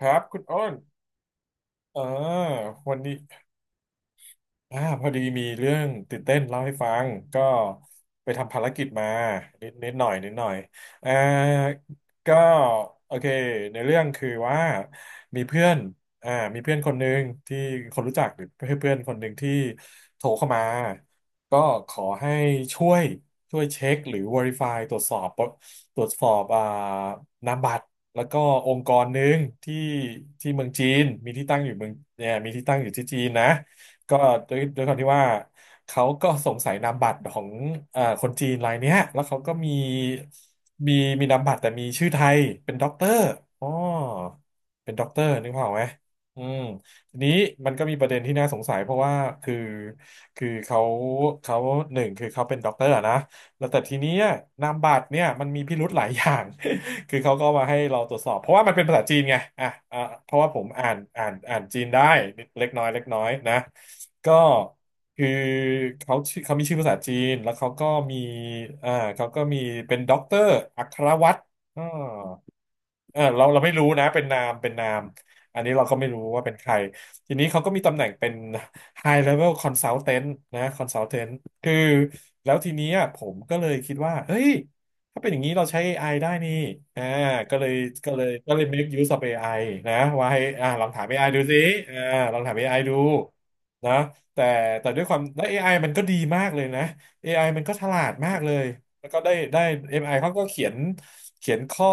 ครับคุณอ้นอ่าวันนี้ พอดีมีเรื่องตื่นเต้นเล่าให้ฟังก็ไปทำภารกิจมานิดหน่อยอ่าก็โอเคในเรื่องคือว่ามีเพื่อนมีเพื่อนคนหนึ่งที่คนรู้จักหรือเพื่อนคนหนึ่งที่โทรเข้ามาก็ขอให้ช่วยเช็คหรือ Verify ตรวจสอบตรวจสอบอ่านามบัตรแล้วก็องค์กรหนึ่งที่ที่เมืองจีนมีที่ตั้งอยู่เมืองเนี่ยมีที่ตั้งอยู่ที่จีนนะ ก็ด้วยความที่ว่าเขาก็สงสัยนามบัตรของคนจีนรายเนี้ยแล้วเขาก็มีมีมีนามบัตรแต่มีชื่อไทยเป็นด็อกเตอร์อ๋อเป็นด็อกเตอร์นึกภาพออกไหมอืมทีนี้มันก็มีประเด็นที่น่าสงสัยเพราะว่าคือคือเขาหนึ่งคือเขาเป็นด็อกเตอร์อะนะแล้วแต่ทีนี้นามบัตรเนี่ยมันมีพิรุธหลายอย่าง คือเขาก็มาให้เราตรวจสอบเพราะว่ามันเป็นภาษาจีนไงอ่ะอ่ะเพราะว่าผมอ่านอ่านอ่านจีนได้เล็กน้อยนะ ก็คือเขาชื่อเขามีชื่อภาษาจีน แล้วเขาก็มีอ่าเขาก็มีเป็นด็อกเตอร์ อัครวัตร เออเราไม่รู้นะเป็นนามอันนี้เราก็ไม่รู้ว่าเป็นใครทีนี้เขาก็มีตำแหน่งเป็น High Level Consultant นะ Consultant คือแล้วทีนี้อะผมก็เลยคิดว่าเฮ้ยถ้าเป็นอย่างนี้เราใช้ AI ไอได้นี่อ่าก็เลยก็เลย make use of AI นะว่าให้ลองถาม AI ดูสิอ่าลองถามเอไอดูนะแต่ด้วยความแล้ว AI มันก็ดีมากเลยนะ AI มันก็ฉลาดมากเลย แล้วก็ได้ MI เขาก็เขียนข้อ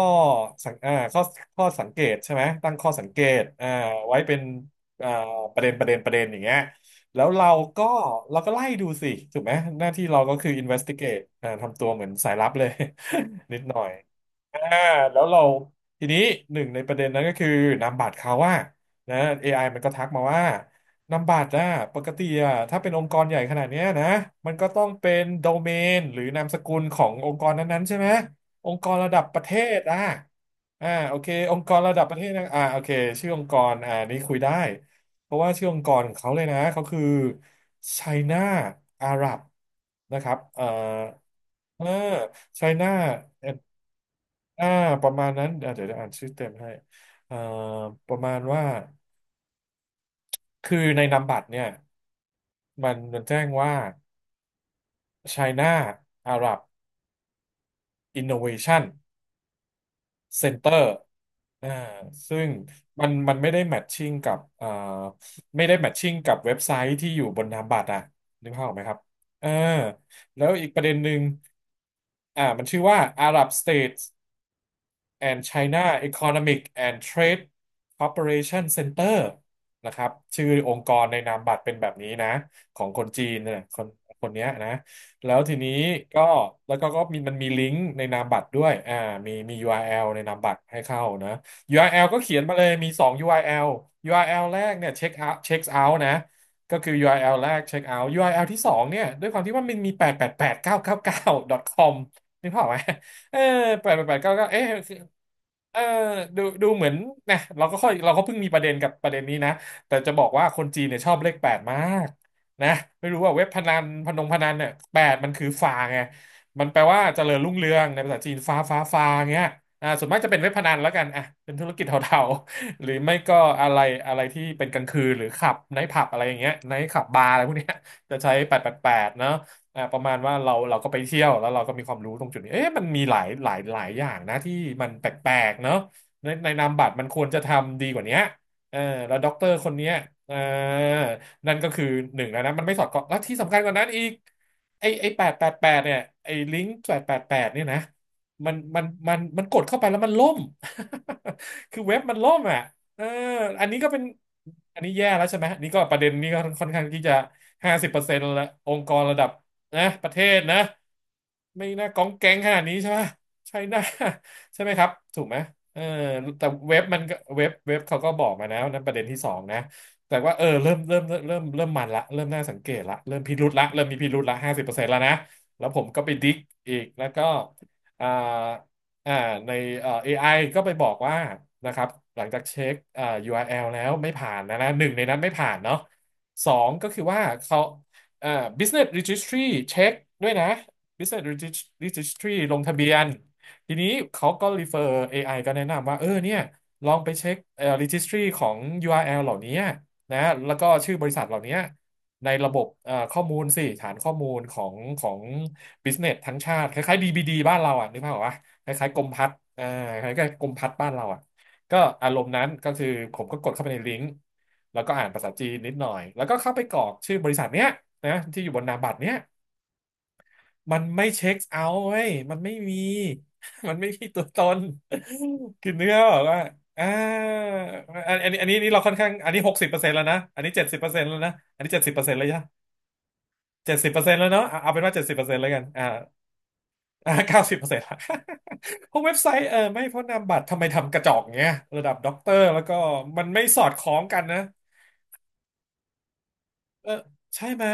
สังอ่าข้อข้อสังเกตใช่ไหมตั้งข้อสังเกตไว้เป็นอ่าประเด็นอย่างเงี้ยแล้วเราก็ไล่ดูสิถูกไหมหน้าที่เราก็คือ investigate ทำตัวเหมือนสายลับเลย นิดหน่อย อ่าแล้วเราทีนี้หนึ่งในประเด็นนั้นก็คือนามบัตรเขาว่านะ AI มันก็ทักมาว่านามบัตรนะปกติอะถ้าเป็นองค์กรใหญ่ขนาดเนี้ยนะมันก็ต้องเป็นโดเมนหรือนามสกุลขององค์กรนั้นๆใช่ไหมองค์กรระดับประเทศอ่ะโอเคองค์กรระดับประเทศนะโอเคชื่อองค์กรนี้คุยได้เพราะว่าชื่อองค์กรของเขาเลยนะเขาคือ China Arab นะครับเออ China อ่าประมาณนั้นเดี๋ยวจะอ่านชื่อเต็มให้อ่าประมาณว่าคือในนามบัตรเนี่ยมันแจ้งว่า China Arab Innovation Center อ่าซึ่งมันไม่ได้แมทชิ่งกับไม่ได้แมทชิ่งกับเว็บไซต์ที่อยู่บนนามบัตรอ่ะนึกภาพออกไหมครับเออแล้วอีกประเด็นหนึ่งมันชื่อว่า Arab States and China Economic and Trade Cooperation Center นะครับชื่อองค์กรในนามบัตรเป็นแบบนี้นะของคนจีนเนี่ยคนเนี้ยนะแล้วทีนี้ก็แล้วก็มันมีลิงก์ในนามบัตรด้วยมีURL ในนามบัตรให้เข้านะ URL ก็เขียนมาเลยมี2 URL URL แอลแรกเนี่ยเช็คเอาท์นะก็คือ URL แอลแรกเช็คเอาท์ URL ที่สองเนี่ยด้วยความที่ว่ามันมี8 8 8 9 9 9 com นึกภาพออกไหม เออแปดแปดเก้าเก้าเอ๊ะคือเออดูเหมือนนะเราก็เพิ่งมีประเด็นกับประเด็นนี้นะแต่จะบอกว่าคนจีนเนี่ยชอบเลขแปดมากนะไม่รู้ว่าเว็บพนันเนี่ยแปดมันคือฟ้าไงมันแปลว่าเจริญรุ่งเรืองในภาษาจีนฟ้าเงี้ยส่วนมากจะเป็นเว็บพนันแล้วกันอ่ะเป็นธุรกิจเทาๆ หรือไม่ก็อะไรอะไรที่เป็นกลางคืนหรือขับไนท์ผับอะไรอย่างเงี้ยไนท์ขับบาร์อะไรพวกเนี้ยจะใช้แปดแปดแปดเนาะ ประมาณว่าเราก็ไปเที่ยวแล้วเราก็มีความรู้ตรงจุดนี้เอ๊ะมันมีหลายหลายหลายอย่างนะที่มันแปลกๆเนาะในนามบัตรมันควรจะทำดีกว่าเนี้ยเออแล้วด็อกเตอร์คนเนี้ยเออนั่นก็คือหนึ่งแล้วนะมันไม่สอดคล้องแล้วที่สำคัญกว่านั้นอีกไอแปดแปดแปดเนี่ยไอลิงก์แปดแปดแปดเนี่ยนะมันกดเข้าไปแล้วมันล่ม คือเว็บมันล่มอ่ะเอออันนี้ก็เป็นอันนี้แย่แล้วใช่ไหมนี่ก็ประเด็นนี้ก็ค่อนข้างที่จะห้าสิบเปอร์เซ็นต์ละองค์กรระดับ นะประเทศนะไม่น่าก้องแก๊งขนาดนี้ใช่ไหมใช่น่า ใช่ไหมครับถูกไหมเออแต่เว็บมันก็เว็บเขาก็บอกมาแล้วนะประเด็นที่สองนะแต่ว่าเออเริ่มมันละเริ่มน่าสังเกตละเริ่มพิรุธละเริ่มมีพิรุธละห้าสิบเปอร์เซ็นต์แล้วนะแล้วผมก็ไปดิกอีกแล้วก็อ่าอ่าในAI ก็ไปบอกว่านะครับหลังจากเช็คURL แอลแล้วไม่ผ่านนะนะหนึ่งในนั้นไม่ผ่านเนาะสองก็คือว่าเขา อ่า Business Registry เช็คด้วยนะ Business Registry ลงทะเบียนทีนี้เขาก็ refer AI ก็แนะนำว่าเออเนี่ยลองไปเช็คRegistry ของ URL เหล่านี้นะแล้วก็ชื่อบริษัทเหล่านี้ในระบบเอ่อข้อมูลสิฐานข้อมูลของ Business ทั้งชาติคล้ายๆ DBD บดีบ้านเราอ่ะนึกภาพออกปะคล้ายๆกรมพัฒน์คล้ายๆกรมพัฒน์บ้านเราอ่ะ ก็อารมณ์นั้นก็คือผมก็กดเข้าไปในลิงก์แล้วก็อ่านภาษาจีนนิดหน่อยแล้วก็เข้าไปกรอกชื่อบริษัทเนี้ยนะที่อยู่บนนามบัตรเนี้ยมันไม่เช็คเอาท์เว้ยมันไม่มี มันไม่มีตัวตนคือเนื้อบอกว่าอ่าอันนี้อันนี้นี่เราค่อนข้างอันนี้60%แล้วนะอันนี้เจ็ดสิบเปอร์เซ็นต์แล้วนะอันนี้เจ็ดสิบเปอร์เซ็นต์แล้วยะเจ็ดสิบเปอร์เซ็นต์แล้วเนาะเอาเป็นว่าเจ็ดสิบเปอร์เซ็นต์แล้วกันอ่า90%ละ พวกเว็บไซต์เออไม่เพราะนามบัตรทำไมทำกระจอกเงี้ยระดับด็อกเตอร์แล้วก็มันไม่สอดคล้องกันนะ เออใช่ไหม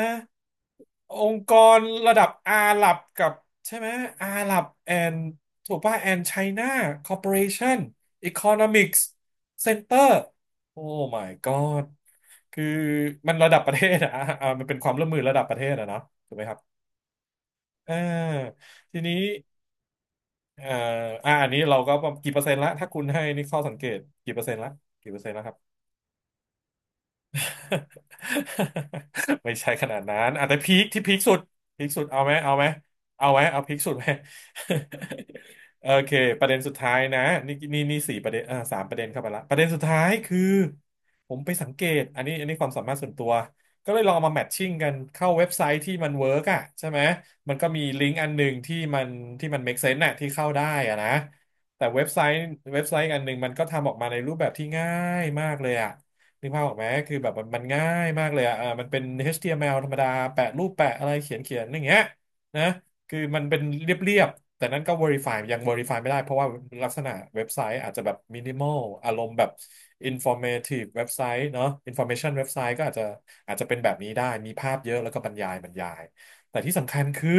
องค์กรระดับอาหรับกับใช่ไหมอาหรับแอนถูกป่ะแอนไชน่าคอร์ปอเรชั่นอีโคโนมิกส์เซ็นเตอร์โอ้ my god คือมันระดับประเทศอะ อ่ามันเป็นความร่วมมือระดับประเทศอะเนาะถูกไหมครับเออทีนี้เอ่ออันนี้เราก็กี่เปอร์เซ็นต์ละถ้าคุณให้นี่ข้อสังเกตกี่เปอร์เซ็นต์ละกี่เปอร์เซ็นต์ละครับ ไม่ใช่ขนาดนั้นอ่ะแต่พีคที่พีคสุดพีคสุดเอาไหมเอาไหมเอาไหมเอาพีคสุดไหม โอเคประเด็นสุดท้ายนะนี่นี่นี่4 ประเด็นอ่า3 ประเด็นเข้าไปละประเด็นสุดท้ายคือผมไปสังเกตอันนี้อันนี้ความสามารถส่วนตัวก็เลยลองเอามาแมทชิ่งกันเข้าเว็บไซต์ที่มันเวิร์กอ่ะใช่ไหมมันก็มีลิงก์อันหนึ่งที่มัน make sense น่ะที่เข้าได้อ่ะนะแต่เว็บไซต์อันหนึ่งมันก็ทำออกมาในรูปแบบที่ง่ายมากเลยอ่ะ นึกภาพออกไหมคือแบบมันง่ายมากเลยอะมันเป็น HTML ธรรมดาแปะรูปแปะอะไรเขียนเขียนอย่างเงี้ยนะคือมันเป็นเรียบๆแต่นั้นก็ verify ยัง verify ไม่ได้เพราะว่าลักษณะเว็บไซต์อาจจะแบบ minimal อารมณ์แบบ informative เว็บไซต์เนาะ information เว็บไซต์ก็อาจจะอาจจะเป็นแบบนี้ได้มีภาพเยอะแล้วก็บรรยายบรรยายแต่ที่สำคัญคือ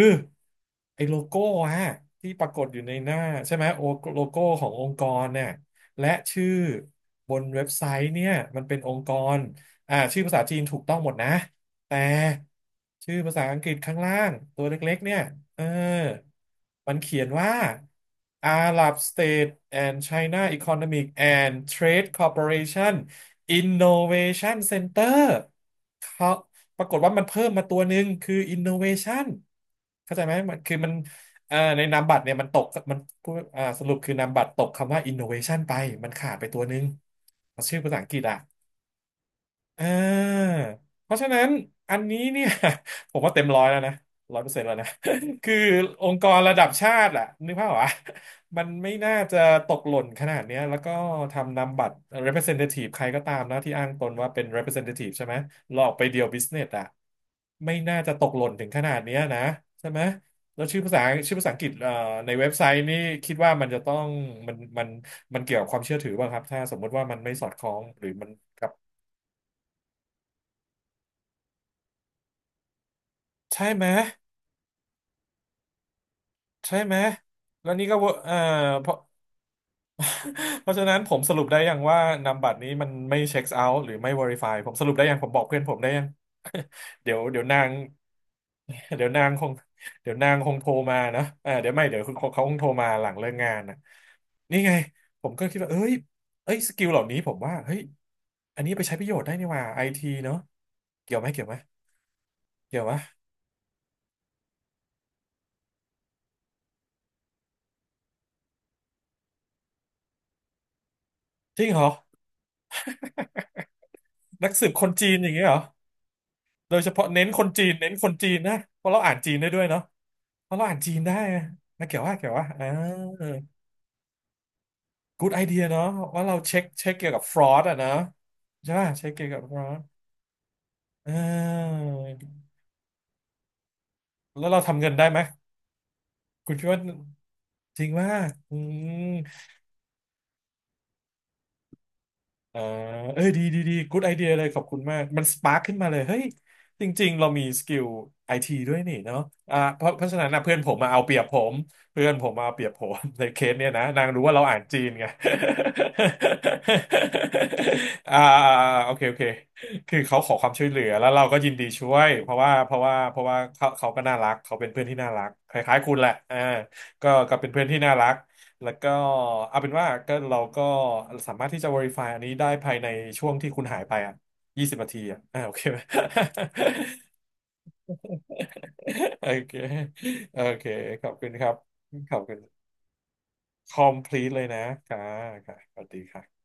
ไอ้โลโก้ฮะที่ปรากฏอยู่ในหน้าใช่ไหมโอโลโก้ขององค์กรเนี่ย และชื่อบนเว็บไซต์เนี่ยมันเป็นองค์กรอ่าชื่อภาษาจีนถูกต้องหมดนะแต่ชื่อภาษาอังกฤษข้างล่างตัวเล็กๆเนี่ยเออมันเขียนว่า Arab State and China Economic and Trade Corporation Innovation Center เขาปรากฏว่ามันเพิ่มมาตัวหนึ่งคือ Innovation เข้าใจไหมมันคือมัน ในนามบัตรเนี่ยมันตกมันพูดอ่าสรุปคือนามบัตรตกคำว่า innovation ไปมันขาดไปตัวนึงชื่อภาษาอังกฤษอ่ะ อ่าเพราะฉะนั้นอันนี้เนี่ย ผมว่าเต็มร้อยแล้วนะ100%แล้วนะ คือองค์กรระดับชาติอะนึกภาพวะมันไม่น่าจะตกหล่นขนาดเนี้ยแล้วก็ทำนำบัตร representative ใครก็ตามนะที่อ้างตนว่าเป็น representative ใช่ไหมหลอกไปเดียว business อะไม่น่าจะตกหล่นถึงขนาดเนี้ยนะใช่ไหมแล้วชื่อภาษาชื่อภาษาอังกฤษในเว็บไซต์นี่คิดว่ามันจะต้องมันมันเกี่ยวกับความเชื่อถือป่ะครับถ้าสมมติว่ามันไม่สอดคล้องหรือมันกับใช่ไหม ใช่ไหม แล้วนี่ก็เวอร์เพราะ เพราะฉะนั้นผมสรุปได้ยังว่านามบัตรนี้มันไม่เช็คเอาท์หรือไม่ Verify ผมสรุปได้ยังผมบอกเพื่อนผมได้ยัง เดี๋ยวนาง เดี๋ยวนางคงเดี๋ยวนางคงโทรมานะเออเดี๋ยวไม่เดี๋ยวคุณเขาคงโทรมาหลังเลิกงานนะนี่ไงผมก็คิดว่าเอ้ยเอ้ยสกิลเหล่านี้ผมว่าเฮ้ยอันนี้ไปใช้ประโยชน์ได้นี่หว่าไอทีเนาะเกี่ยวไหม เกี่ยวไหมเกี่ยวไหมจริงเหรอนักสืบคนจีนอย่างเงี้ยเหรอ โดยเฉพาะเน้นคนจีนเน้นคนจีนนะเพราะเราอ่านจีนได้ด้วยเนาะเพราะเราอ่านจีนได้อะนะเกี่ยวว่าเกี่ยวว่าgood idea เนาะว่าเราเช็คเกี่ยวกับ fraud อะเนาะใช่ป่ะเช็คเกี่ยวกับ fraud เออแล้วเราทำเงินได้ไหมคุณคิดว่าจริงว่าอืม อ่าเอ้ยดีดีดีกู๊ดไอเดียเลยขอบคุณมากมันสปาร์คขึ้นมาเลยเฮ้ยจริงๆเรามีสกิลไอทีด้วยนี่เนาะเพราะฉะนั้นนะเพื่อนผมมาเอาเปรียบผมเพื่อนผมมาเอาเปรียบผม ในเคสเนี้ยนะนางรู้ว่าเราอ่านจีนไง อ่าโอเคโอเคคือเขาขอความช่วยเหลือแล้วเราก็ยินดีช่วยเพราะว่าเพราะว่าเพราะว่าเขาก็น่ารักเขาเป็นเพื่อนที่น่ารักคล้ายๆคุณแหละอ่าก็เป็นเพื่อนที่น่ารัก แล้วก็เอาเป็นว่าก็เราก็สามารถที่จะ verify อันนี้ได้ภายในช่วงที่คุณหายไปอ่ะ20 นาทีอ่ะอ่าโอเคไหม โอเคโอเคขอบคุณครับขอบคุณ complete เลยนะค่ะค่ะสวัสดีค่ะ